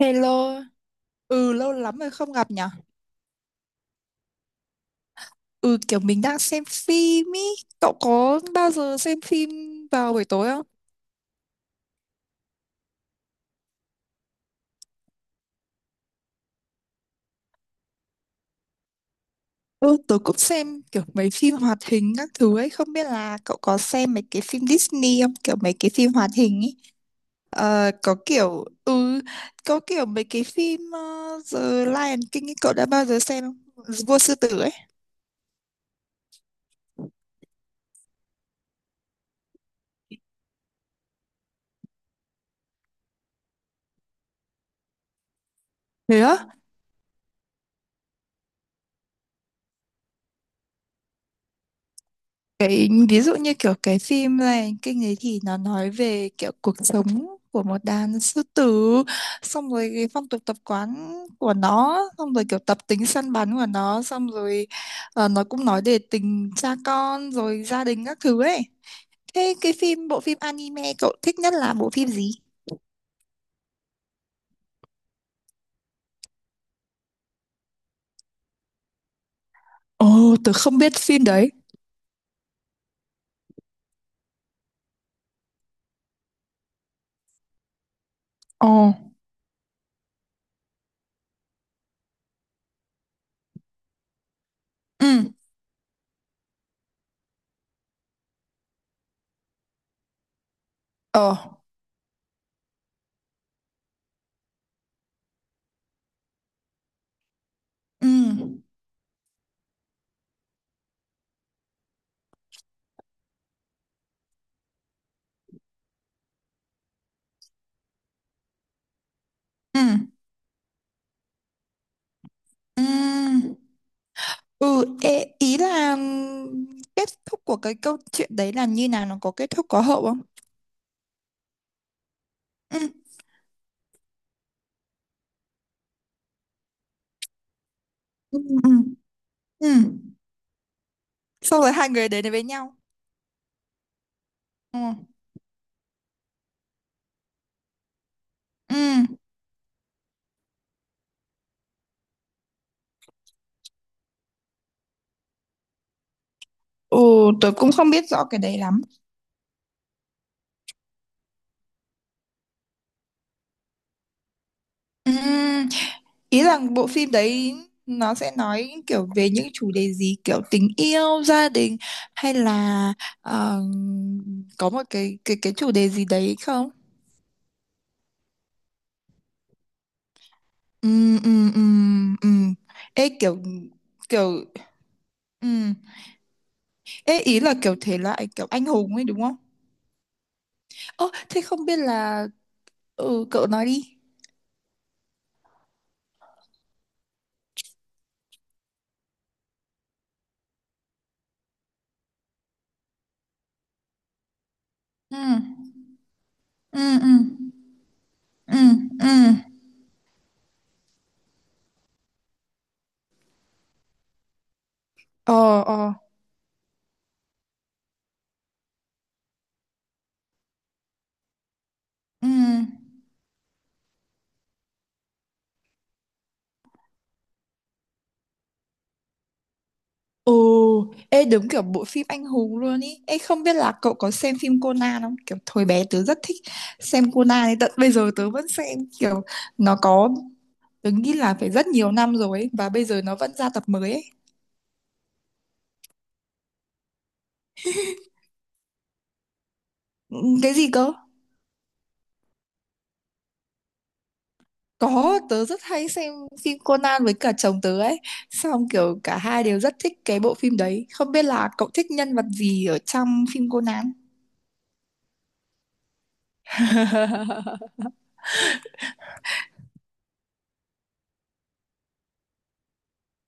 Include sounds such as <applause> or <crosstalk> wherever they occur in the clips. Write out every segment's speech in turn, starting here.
Hello, ừ lâu lắm rồi không gặp nhở? Ừ kiểu mình đang xem phim ý, cậu có bao giờ xem phim vào buổi tối không? Ừ, tớ cũng xem kiểu mấy phim hoạt hình các thứ ấy, không biết là cậu có xem mấy cái phim Disney không? Kiểu mấy cái phim hoạt hình ý. Ờ, có kiểu mấy cái phim The Lion King ý, cậu đã bao giờ xem không? Vua Sư Tử ấy. Thế á? Cái ví dụ như kiểu cái phim này kinh ấy thì nó nói về kiểu cuộc sống của một đàn sư tử, xong rồi cái phong tục tập quán của nó, xong rồi kiểu tập tính săn bắn của nó, xong rồi nó cũng nói về tình cha con rồi gia đình các thứ ấy. Thế cái phim bộ phim anime cậu thích nhất là bộ phim gì? Ồ, tớ không biết phim đấy. Ồ, ừ, ờ, ừ, ừ, ừ. Ừ, ê, ý là kết thúc của cái câu chuyện đấy là như nào, nó có kết thúc có hậu không? Ừ, ừ, ừ, ừ. Xong rồi hai người đến với nhau. Ừ, ừ. Ừ, tớ cũng không biết rõ cái đấy lắm. Ừ, ý là bộ phim đấy nó sẽ nói kiểu về những chủ đề gì, kiểu tình yêu, gia đình hay là ờ, có một cái chủ đề gì đấy không? Ừ, ừ, ừ, ừ. Ê kiểu kiểu ừ. Ê, ý là kiểu thể loại kiểu anh hùng ấy đúng không? Ơ, thế không biết là... Ừ, cậu nói đi. Ừ, ừ, ừ, ừ, ừ. Ờ, ờ. Ừ. Ừ, ê đúng kiểu bộ phim anh hùng luôn ý. Ê không biết là cậu có xem phim Conan không? Kiểu thời bé tớ rất thích xem Conan ấy. Tận bây giờ tớ vẫn xem, kiểu nó có, tớ nghĩ là phải rất nhiều năm rồi ấy. Và bây giờ nó vẫn ra tập mới ấy. Ừ, cái gì cơ? Có, tớ rất hay xem phim Conan với cả chồng tớ ấy. Xong kiểu cả hai đều rất thích cái bộ phim đấy. Không biết là cậu thích nhân vật gì ở trong phim Conan? <laughs>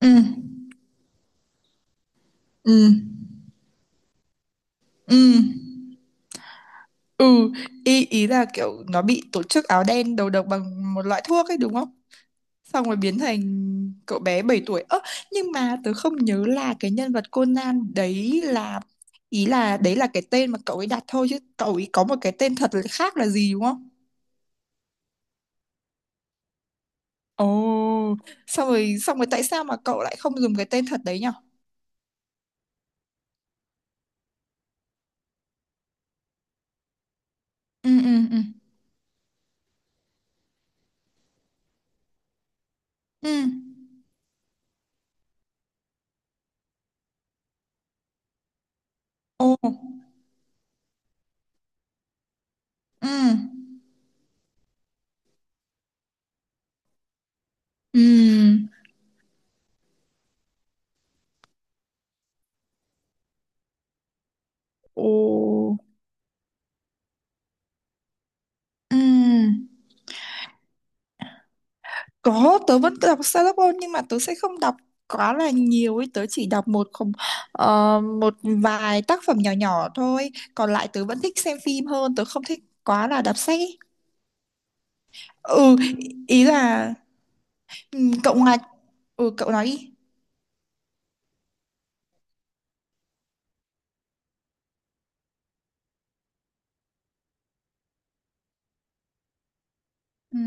Ừ, ừ, ừ, ừ. Ý là kiểu nó bị tổ chức áo đen đầu độc bằng một loại thuốc ấy đúng không? Xong rồi biến thành cậu bé 7 tuổi. Ơ, nhưng mà tớ không nhớ là cái nhân vật Conan đấy là... Ý là đấy là cái tên mà cậu ấy đặt thôi, chứ cậu ấy có một cái tên thật là khác là gì đúng không? Ồ, xong rồi tại sao mà cậu lại không dùng cái tên thật đấy nhở? Ừ, ừ, ừ, ừ. Ồ, ừ, ừ, ồ, ừ. Có, tớ vẫn đọc Sherlock nhưng mà tớ sẽ không đọc quá là nhiều ấy, tớ chỉ đọc một không một vài tác phẩm nhỏ nhỏ thôi, còn lại tớ vẫn thích xem phim hơn, tớ không thích quá là đọc sách ấy. Ừ, ý là ừ, cậu ngoài cậu nói đi. Ừ.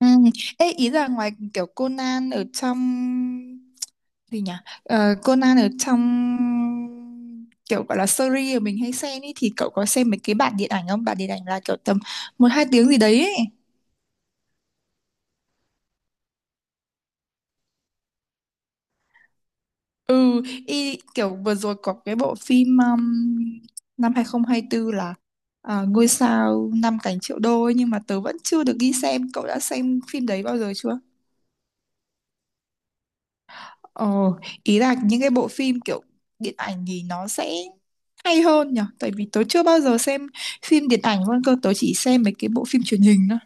Ừ. Ê, ý là ngoài kiểu Conan ở trong, gì nhỉ? Ờ, Conan ở trong kiểu gọi là series mà mình hay xem ý, thì cậu có xem mấy cái bản điện ảnh không? Bản điện ảnh là kiểu tầm một hai tiếng gì đấy ấy. Ừ, y, kiểu vừa rồi có cái bộ phim năm 2024 là à, Ngôi sao năm cánh triệu đô ấy, nhưng mà tớ vẫn chưa được đi xem. Cậu đã xem phim đấy bao giờ chưa? Ồ, ý là những cái bộ phim kiểu điện ảnh thì nó sẽ hay hơn nhở, tại vì tớ chưa bao giờ xem phim điện ảnh luôn cơ, tớ chỉ xem mấy cái bộ phim truyền hình thôi,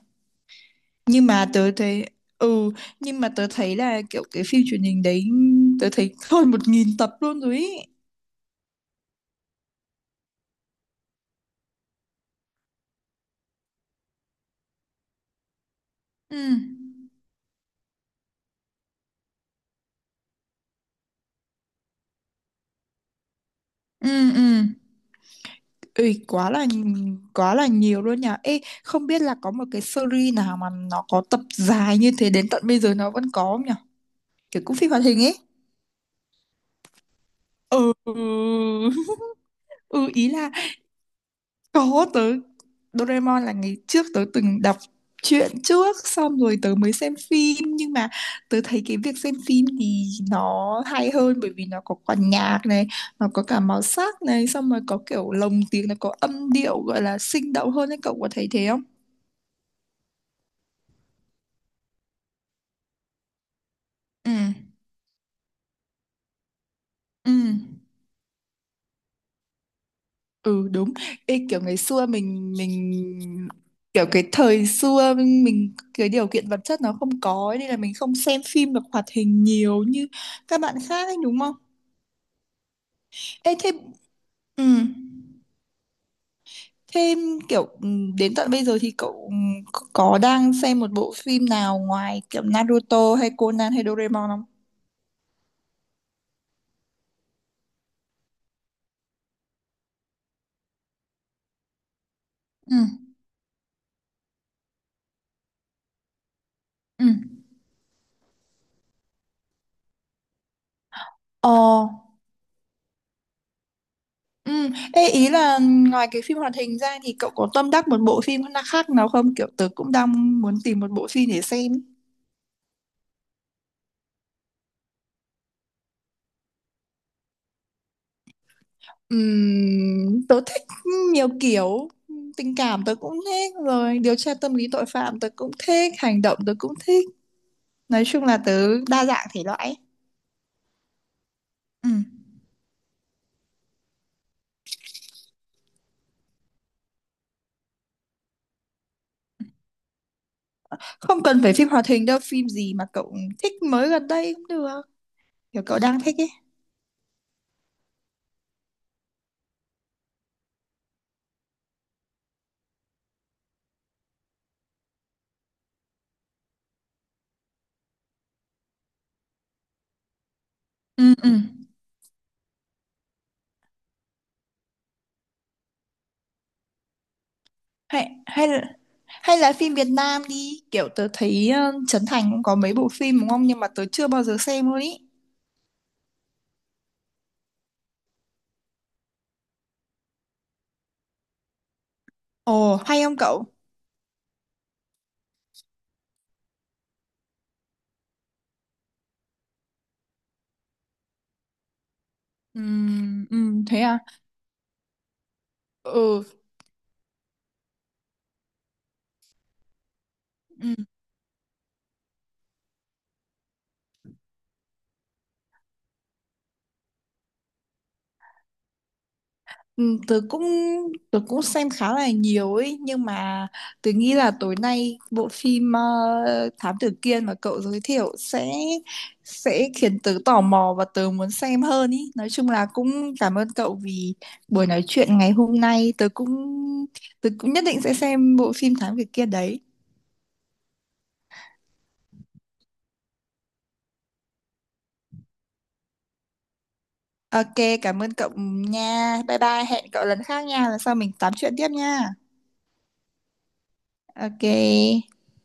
nhưng mà tớ thấy ừ nhưng mà tớ thấy là kiểu cái phim truyền hình đấy tớ thấy hơn 1.000 tập luôn rồi ý. Ừ, ừ, ừ. Ui, quá là nhiều luôn nhỉ. Ê không biết là có một cái series nào mà nó có tập dài như thế đến tận bây giờ nó vẫn có không nhỉ, kiểu cũng phim hoạt hình ấy. Ừ. <laughs> Ừ, ý là có tớ. Doraemon là ngày trước tớ từng đọc truyện trước, xong rồi tớ mới xem phim, nhưng mà tớ thấy cái việc xem phim thì nó hay hơn bởi vì nó có quả nhạc này, nó có cả màu sắc này, xong rồi có kiểu lồng tiếng, nó có âm điệu gọi là sinh động hơn ấy, cậu có thấy thế không? Ừ. Ừ. Ừ, đúng. Ê, kiểu ngày xưa mình kiểu cái thời xưa mình cái điều kiện vật chất nó không có ấy, nên là mình không xem phim được hoạt hình nhiều như các bạn khác ấy đúng không? Ê, thế ừ. Thế kiểu đến tận bây giờ thì cậu có đang xem một bộ phim nào ngoài kiểu Naruto hay Conan hay Doraemon không? Ừ. Ừ. Ờ. Ừ. Ê, ý là ngoài cái phim hoạt hình ra thì cậu có tâm đắc một bộ phim khác nào không? Kiểu tớ cũng đang muốn tìm một bộ phim để xem. Tớ thích nhiều kiểu, tình cảm tớ cũng thích, rồi điều tra tâm lý tội phạm tớ cũng thích, hành động tớ cũng thích, nói chung là tớ đa dạng thể loại ấy. Ừ. Không cần phải phim hoạt hình đâu, phim gì mà cậu thích mới gần đây cũng được, kiểu cậu đang thích ấy. Ừ, ừ. hay hay là phim Việt Nam đi, kiểu tớ thấy Trấn Thành cũng có mấy bộ phim đúng không, nhưng mà tớ chưa bao giờ xem luôn ý. Ồ, hay không cậu? Ừ, ừ. Thế à? Ừ, ừ. Ừ, tớ cũng xem khá là nhiều ấy, nhưng mà tớ nghĩ là tối nay bộ phim Thám Tử Kiên mà cậu giới thiệu sẽ khiến tớ tò mò và tớ muốn xem hơn ý. Nói chung là cũng cảm ơn cậu vì buổi nói chuyện ngày hôm nay, tớ cũng nhất định sẽ xem bộ phim Thám Tử Kiên đấy. Ok, cảm ơn cậu nha. Bye bye, hẹn cậu lần khác nha, lần sau mình tám chuyện tiếp nha. Ok.